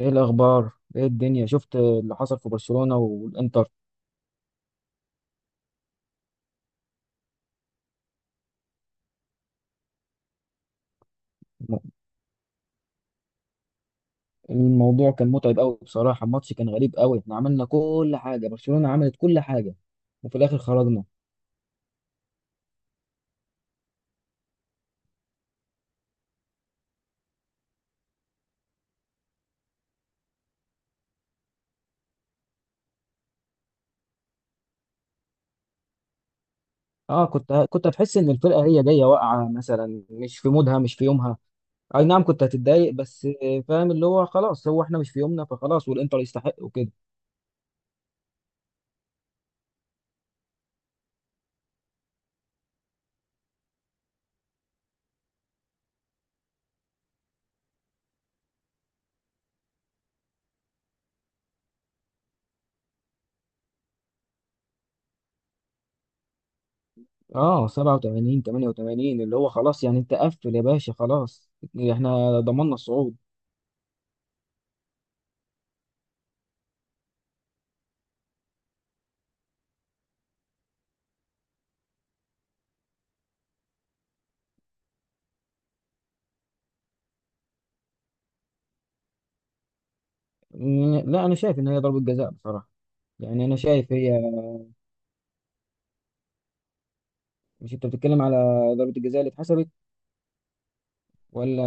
ايه الاخبار؟ ايه الدنيا؟ شفت اللي حصل في برشلونة والانتر. الم- الموضوع كان متعب قوي بصراحة. الماتش كان غريب قوي، احنا عملنا كل حاجة، برشلونة عملت كل حاجة وفي الاخر خرجنا. اه، كنت هتحس ان الفرقة هي جاية واقعة مثلا، مش في مودها مش في يومها. اي نعم، كنت هتتضايق بس فاهم اللي هو خلاص، هو احنا مش في يومنا فخلاص، والانتر يستحق وكده. اه، 87 88 اللي هو خلاص، يعني انت قفل يا باشا خلاص، احنا ضمننا الصعود. لا، انا شايف ان هي ضربة جزاء بصراحة. يعني انا شايف هي. مش انت بتتكلم على ضربة الجزاء اللي اتحسبت ولا؟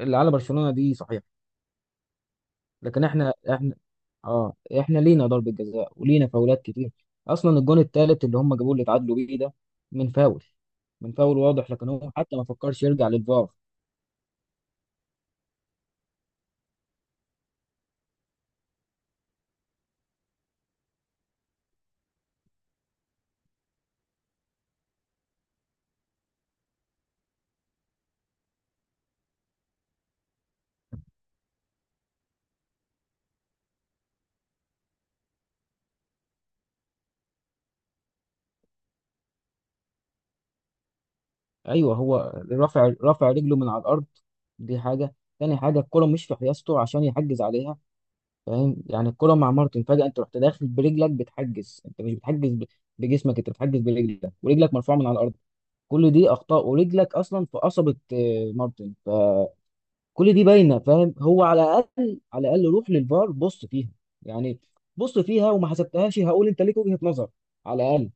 اللي على برشلونة دي صحيح، لكن احنا اه، احنا لينا ضربة جزاء ولينا فاولات كتير. اصلا الجون الثالث اللي هم جابوه اللي اتعادلوا بيه ده من فاول. من فاول واضح، لكن هو حتى ما فكرش يرجع للفار. ايوه، هو رافع رافع رجله من على الارض، دي حاجة. تاني حاجة، الكرة مش في حيازته عشان يحجز عليها. فاهم يعني، الكرة مع مارتن فجأة، انت رحت داخل برجلك بتحجز، انت مش بتحجز بجسمك، انت بتحجز برجلك ورجلك مرفوعة من على الارض. كل دي اخطاء، ورجلك اصلا في قصبه مارتن، فكل دي باينه. فاهم، هو على الاقل على الاقل روح للفار بص فيها يعني. بص فيها وما حسبتهاش، هقول انت ليك وجهه نظر على الاقل.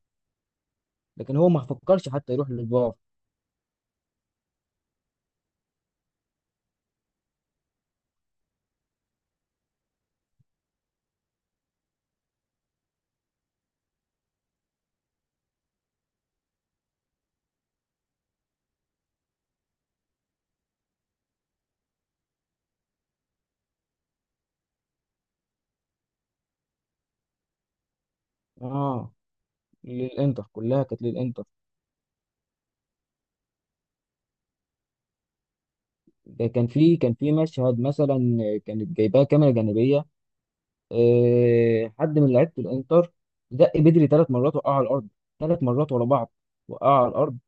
لكن هو ما فكرش حتى يروح للفار. اه، للانتر كلها كانت للانتر. ده كان في كان في مشهد مثلا، كانت جايباه كاميرا جانبيه، حد من لعيبه الانتر دق بدري ثلاث مرات وقع على الارض. ثلاث مرات ورا بعض وقع على الارض.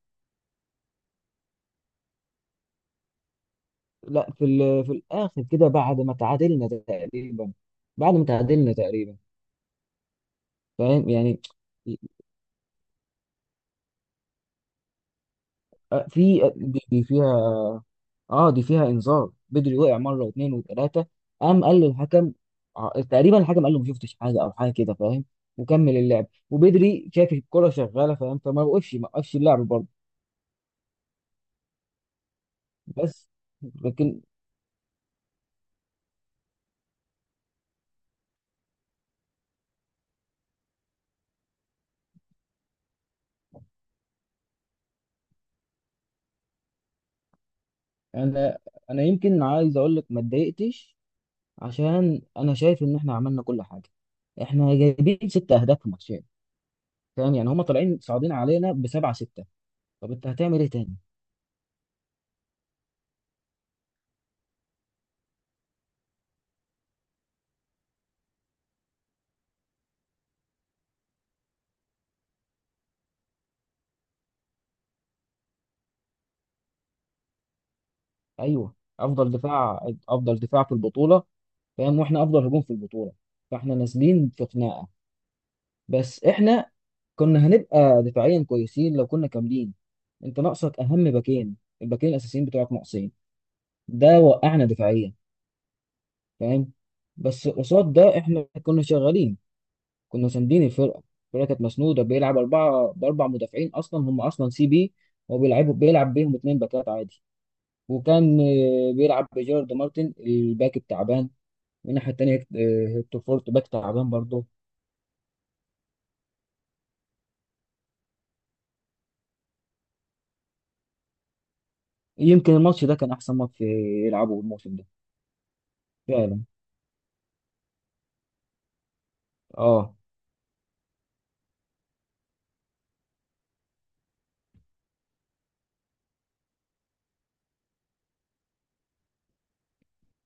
لا، في الاخر كده، بعد ما تعادلنا تقريبا، بعد ما تعادلنا تقريبا. فاهم يعني، في دي فيها. اه، دي فيها انذار، بدري وقع مره واثنين وثلاثه، قام قال للحكم. تقريبا الحكم قال له ما شفتش حاجه او حاجه كده. فاهم، وكمل اللعب وبدري شاف الكره شغاله. فاهم، فما وقفش ما وقفش اللعب برضه. بس، لكن انا انا يمكن عايز اقول لك ما اتضايقتش، عشان انا شايف ان احنا عملنا كل حاجه. احنا جايبين ست اهداف في ماتشين. فاهم يعني، هم طالعين صاعدين علينا بسبعة ستة، طب انت هتعمل ايه تاني؟ ايوه، افضل دفاع افضل دفاع في البطولة. فاهم، واحنا افضل هجوم في البطولة، فاحنا نازلين في خناقة. بس احنا كنا هنبقى دفاعيا كويسين لو كنا كاملين. انت ناقصك اهم باكين، الباكين الاساسيين بتوعك ناقصين، ده وقعنا دفاعيا. فاهم، بس قصاد ده احنا كنا شغالين، كنا ساندين الفرقة، الفرقة كانت مسنودة. بيلعب أربعة بأربع مدافعين، أصلا هم أصلا سي بي، وبيلعبوا بيلعب بيهم اتنين باكات عادي. وكان بيلعب بجيرارد مارتن الباك التعبان، والناحية التانية هيكتور فورت باك تعبان برضه. يمكن الماتش ده كان أحسن ماتش يلعبه الموسم ده. فعلا. اه.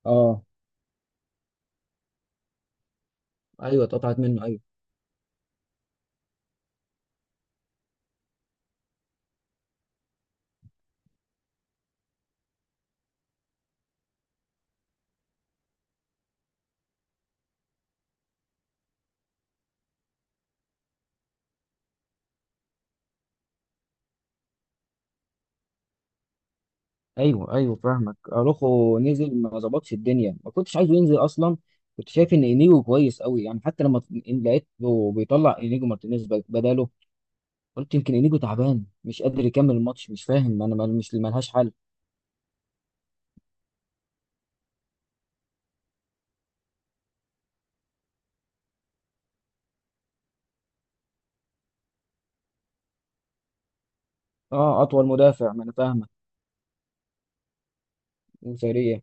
اه. ايوه، اتقطعت منه ايوه. ايوه، ايوه، فاهمك. اروخو نزل ما ظبطش الدنيا، ما كنتش عايزه ينزل اصلا. كنت شايف ان انيجو كويس قوي، يعني حتى لما إن لقيته بيطلع انيجو مارتينيز بداله، قلت يمكن انيجو تعبان مش قادر يكمل الماتش. مش فاهم انا، مش ملهاش حل. اه، اطول مدافع، ما انا فاهمك. وسريع.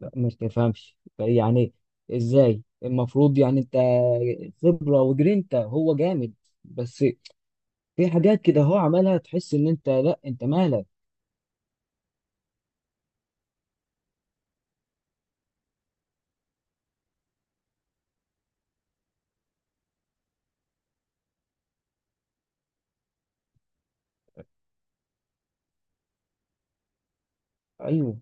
لا، ما تفهمش يعني؟ ازاي المفروض يعني انت خبرة وجرينتا هو جامد، بس في حاجات كده هو عملها تحس ان انت لا، انت مالك. ايوه،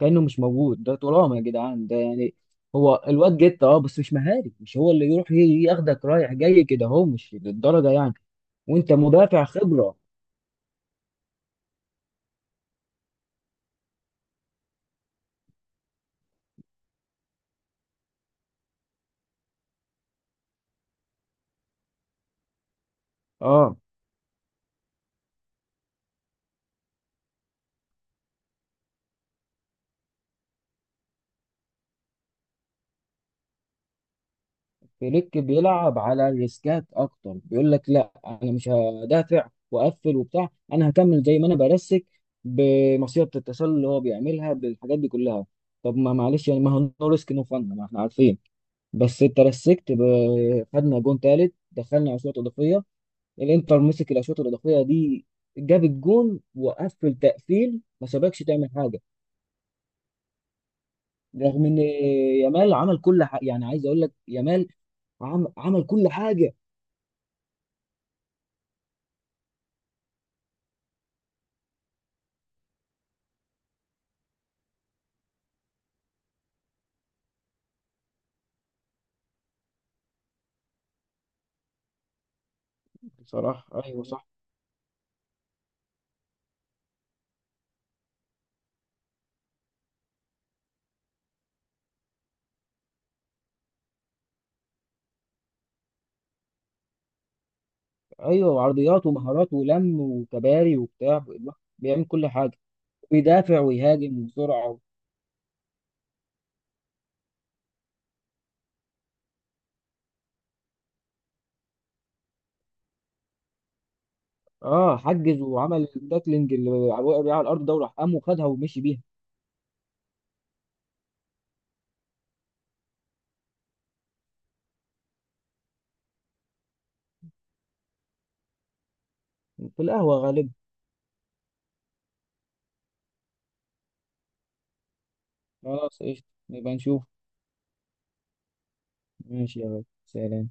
كأنه مش موجود، ده ترام يا جدعان، ده يعني هو الواد جيت، اه، بس مش مهاري، مش هو اللي يروح ياخدك رايح جاي كده، هو مش للدرجة يعني. وانت مدافع خبرة. اه، فليك بيلعب على الريسكات اكتر، بيقول لك لا، انا مش هدافع واقفل وبتاع، انا هكمل زي ما انا برسك بمصيدة التسلل اللي هو بيعملها بالحاجات دي كلها. طب ما معلش يعني، ما هو نو ريسك نو فن، ما احنا عارفين. بس انت رسكت، خدنا جون تالت، دخلنا اشواط اضافيه. الانتر مسك الاشواط الاضافيه دي، جاب الجون وقفل تقفيل ما سابكش تعمل حاجه. رغم ان يامال عمل كل حاجه، يعني عايز اقول لك يامال عمل كل حاجه. بصراحة، أيوة، صح. ايوه، وعرضيات ومهارات ولم وكباري وبتاع، الواحد بيعمل كل حاجه. بيدافع ويهاجم وسرعه. اه، حجز وعمل التاكلينج اللي وقع بيه على الارض ده، وراح قام وخدها ومشي بيها. في القهوه غالبا. خلاص قشطه، نبقى نشوف. ماشي يا غالي، سلام.